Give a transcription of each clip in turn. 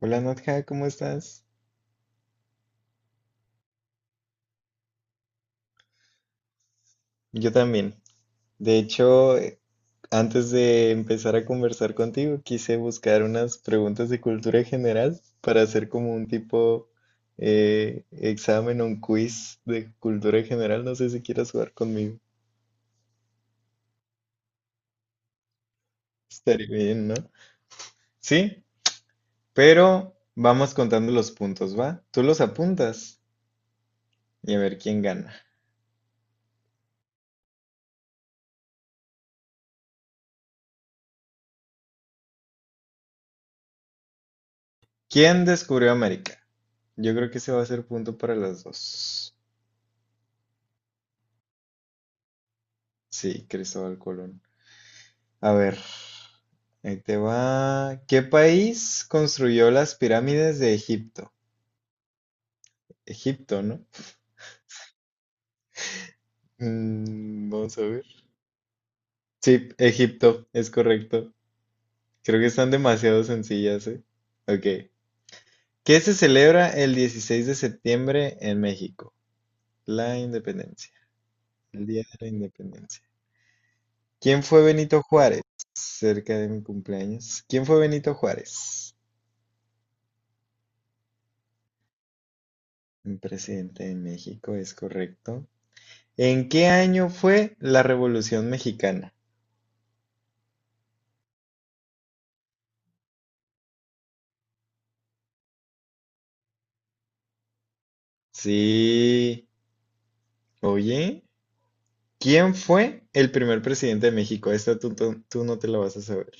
Hola Nadja, ¿cómo estás? Yo también. De hecho, antes de empezar a conversar contigo, quise buscar unas preguntas de cultura general para hacer como un tipo examen o un quiz de cultura general. No sé si quieras jugar conmigo. Estaría bien, ¿no? Sí, pero vamos contando los puntos, ¿va? Tú los apuntas y a ver quién gana. ¿Quién descubrió América? Yo creo que ese va a ser punto para las dos. Sí, Cristóbal Colón. A ver, ahí te va. ¿Qué país construyó las pirámides de Egipto? Egipto, ¿no? Mm, vamos a ver. Sí, Egipto, es correcto. Creo que están demasiado sencillas, ¿eh? Ok. ¿Qué se celebra el 16 de septiembre en México? La independencia. El Día de la Independencia. ¿Quién fue Benito Juárez? Cerca de mi cumpleaños. ¿Quién fue Benito Juárez? Un presidente de México, es correcto. ¿En qué año fue la Revolución Mexicana? Sí. Oye, ¿quién fue el primer presidente de México? Esta tú no te la vas a saber.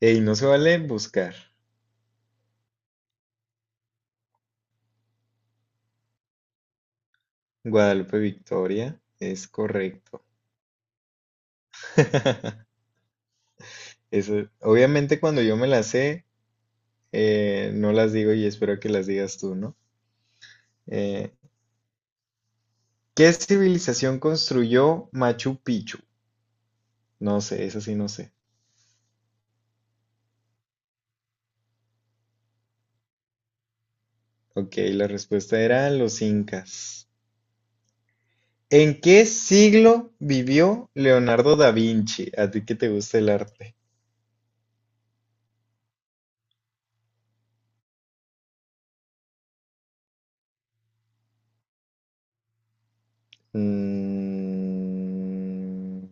Ey, no se vale buscar. Guadalupe Victoria, es correcto. Eso, obviamente cuando yo me las sé, no las digo y espero que las digas tú, ¿no? Eh, ¿Qué civilización construyó Machu Picchu? No sé, eso sí no sé. Ok, la respuesta era los incas. ¿En qué siglo vivió Leonardo da Vinci? A ti que te gusta el arte. Mm,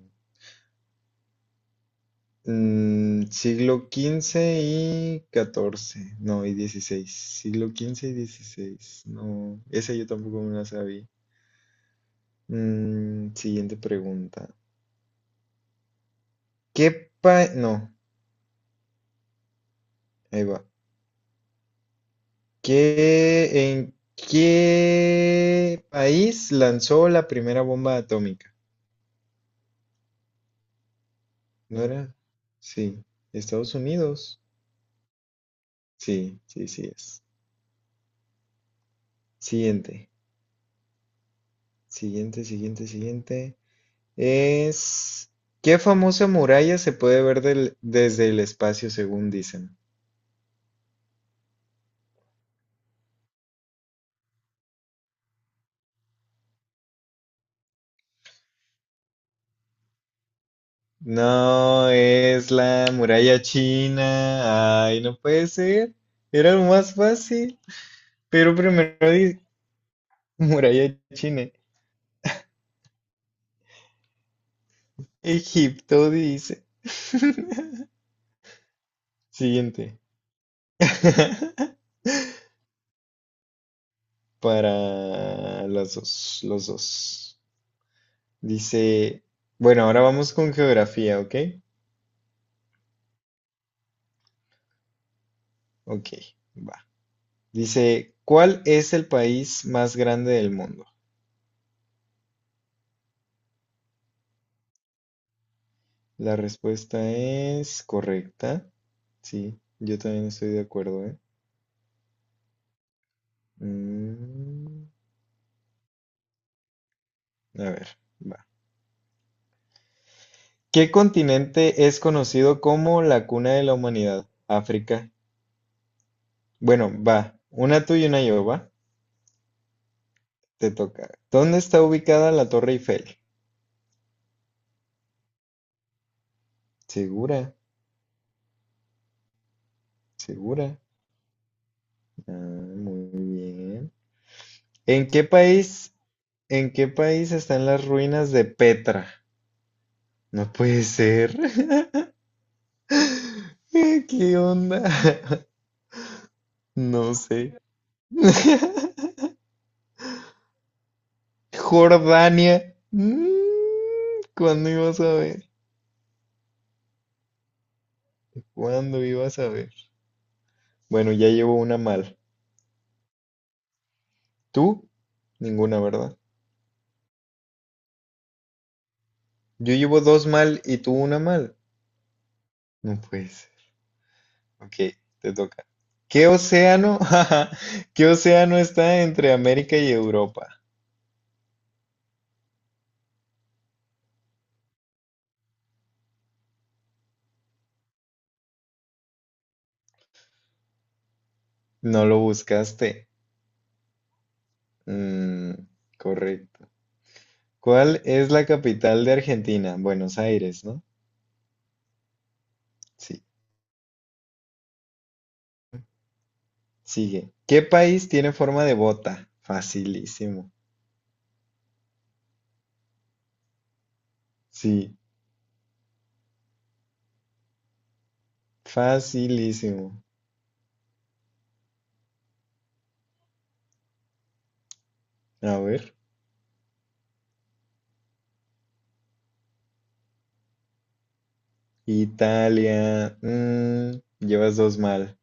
siglo XV y XIV, no, y XVI. Siglo XV y XVI, no, esa yo tampoco me la sabía. Mm, siguiente pregunta. ¿Qué pa... No, ahí va. ¿Qué, en qué país lanzó la primera bomba atómica? ¿No era? Sí. Estados Unidos. Sí, sí, sí es. Siguiente, siguiente. Es... ¿Qué famosa muralla se puede ver desde el espacio, según dicen? No, es la muralla china. Ay, no puede ser. Era lo más fácil. Pero primero dice muralla china. Egipto dice. Siguiente. Para las dos, los dos. Dice, bueno, ahora vamos con geografía, ¿ok? Ok, va. Dice, ¿cuál es el país más grande del mundo? La respuesta es correcta. Sí, yo también estoy de acuerdo, ¿eh? Mm, a ver, va. ¿Qué continente es conocido como la cuna de la humanidad? África. Bueno, va. Una tú y una yo, va. Te toca. ¿Dónde está ubicada la Torre Eiffel? Segura. ¿Segura? Ah, muy bien. ¿En qué país, ¿en qué país están las ruinas de Petra? No puede ser. ¿Qué onda? No sé. Jordania. Mm, ¿cuándo ibas a ver? ¿Cuándo ibas a ver? Bueno, ya llevo una mal. ¿Tú? Ninguna, ¿verdad? Yo llevo dos mal y tú una mal. No puede ser. Ok, te toca. ¿Qué océano? ¿Qué océano está entre América y Europa? No lo buscaste. Mm, correcto. ¿Cuál es la capital de Argentina? Buenos Aires, ¿no? Sí. Sigue. ¿Qué país tiene forma de bota? Facilísimo. Sí, facilísimo. A ver. Italia. Mm, llevas dos mal.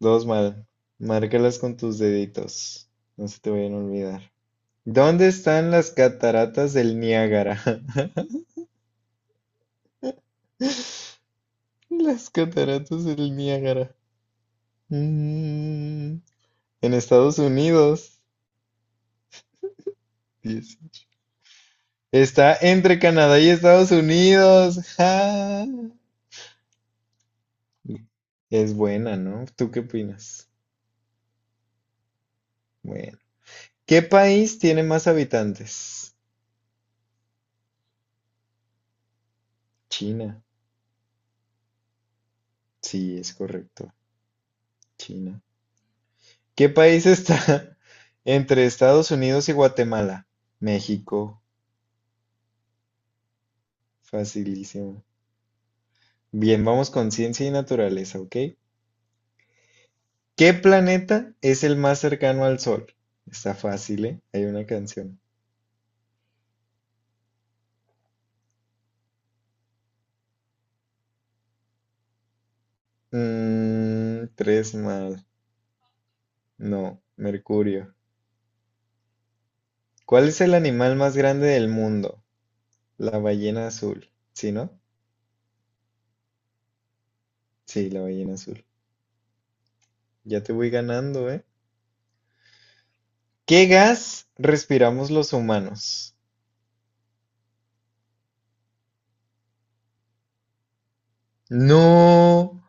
Dos mal. Márcalas con tus deditos. No se te vayan a olvidar. ¿Dónde están las cataratas del Niágara? Las cataratas del Niágara. Mm, en Estados Unidos. Dieciocho. Está entre Canadá y Estados Unidos. Ja. Es buena, ¿no? ¿Tú qué opinas? Bueno. ¿Qué país tiene más habitantes? China. Sí, es correcto. China. ¿Qué país está entre Estados Unidos y Guatemala? México. Facilísimo. Bien, vamos con ciencia y naturaleza, ¿ok? ¿Qué planeta es el más cercano al Sol? Está fácil, ¿eh? Hay una canción. Mm, tres más. No, Mercurio. ¿Cuál es el animal más grande del mundo? La ballena azul. ¿Sí, no? Sí, la ballena azul. Ya te voy ganando, ¿eh? ¿Qué gas respiramos los humanos? No,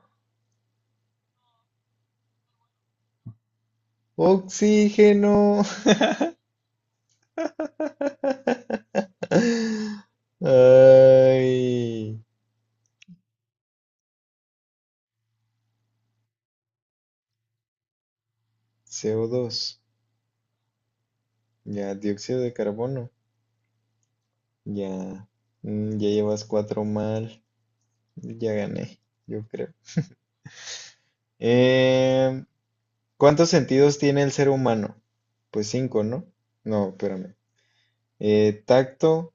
oxígeno. Ay, CO2. Ya, dióxido de carbono. Ya, mm, ya llevas cuatro mal. Ya gané, yo creo. Em, ¿Cuántos sentidos tiene el ser humano? Pues cinco, ¿no? No, espérame. Tacto,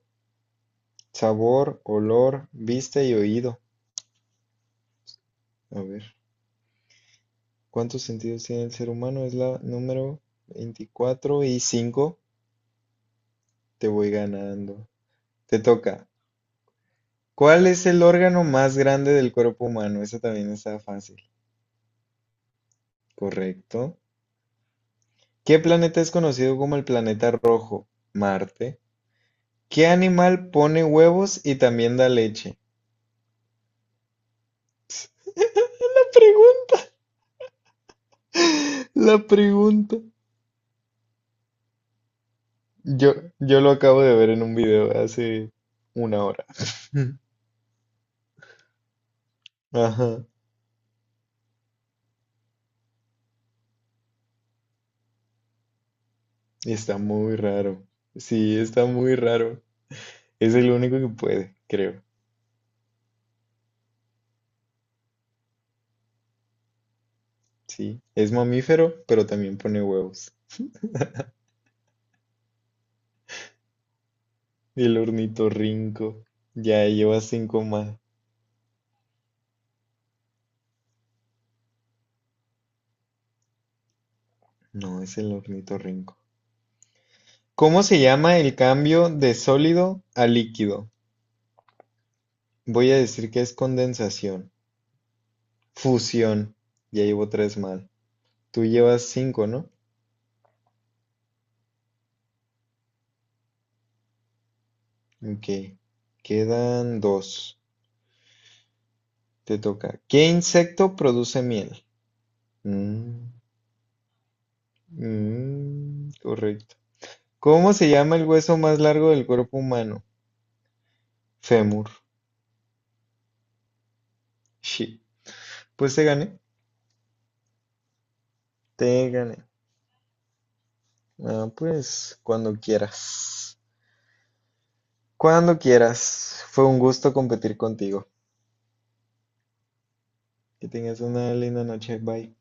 sabor, olor, vista y oído. A ver, ¿cuántos sentidos tiene el ser humano? Es la número 24 y 5. Te voy ganando. Te toca. ¿Cuál es el órgano más grande del cuerpo humano? Esa también está fácil. Correcto. ¿Qué planeta es conocido como el planeta rojo? Marte. ¿Qué animal pone huevos y también da leche? La pregunta. La pregunta. Yo lo acabo de ver en un video hace una hora. Ajá. Y está muy raro. Sí, está muy raro. Es el único que puede, creo. Sí. Es mamífero, pero también pone huevos. Y el ornitorrinco. Ya lleva cinco más. No, es el ornitorrinco. ¿Cómo se llama el cambio de sólido a líquido? Voy a decir que es condensación. Fusión. Ya llevo tres mal. Tú llevas cinco, ¿no? Ok. Quedan dos. Te toca. ¿Qué insecto produce miel? Mm, correcto. ¿Cómo se llama el hueso más largo del cuerpo humano? Fémur. Shit. Pues te gané. Te gané. Ah, pues cuando quieras. Cuando quieras. Fue un gusto competir contigo. Que tengas una linda noche. Bye.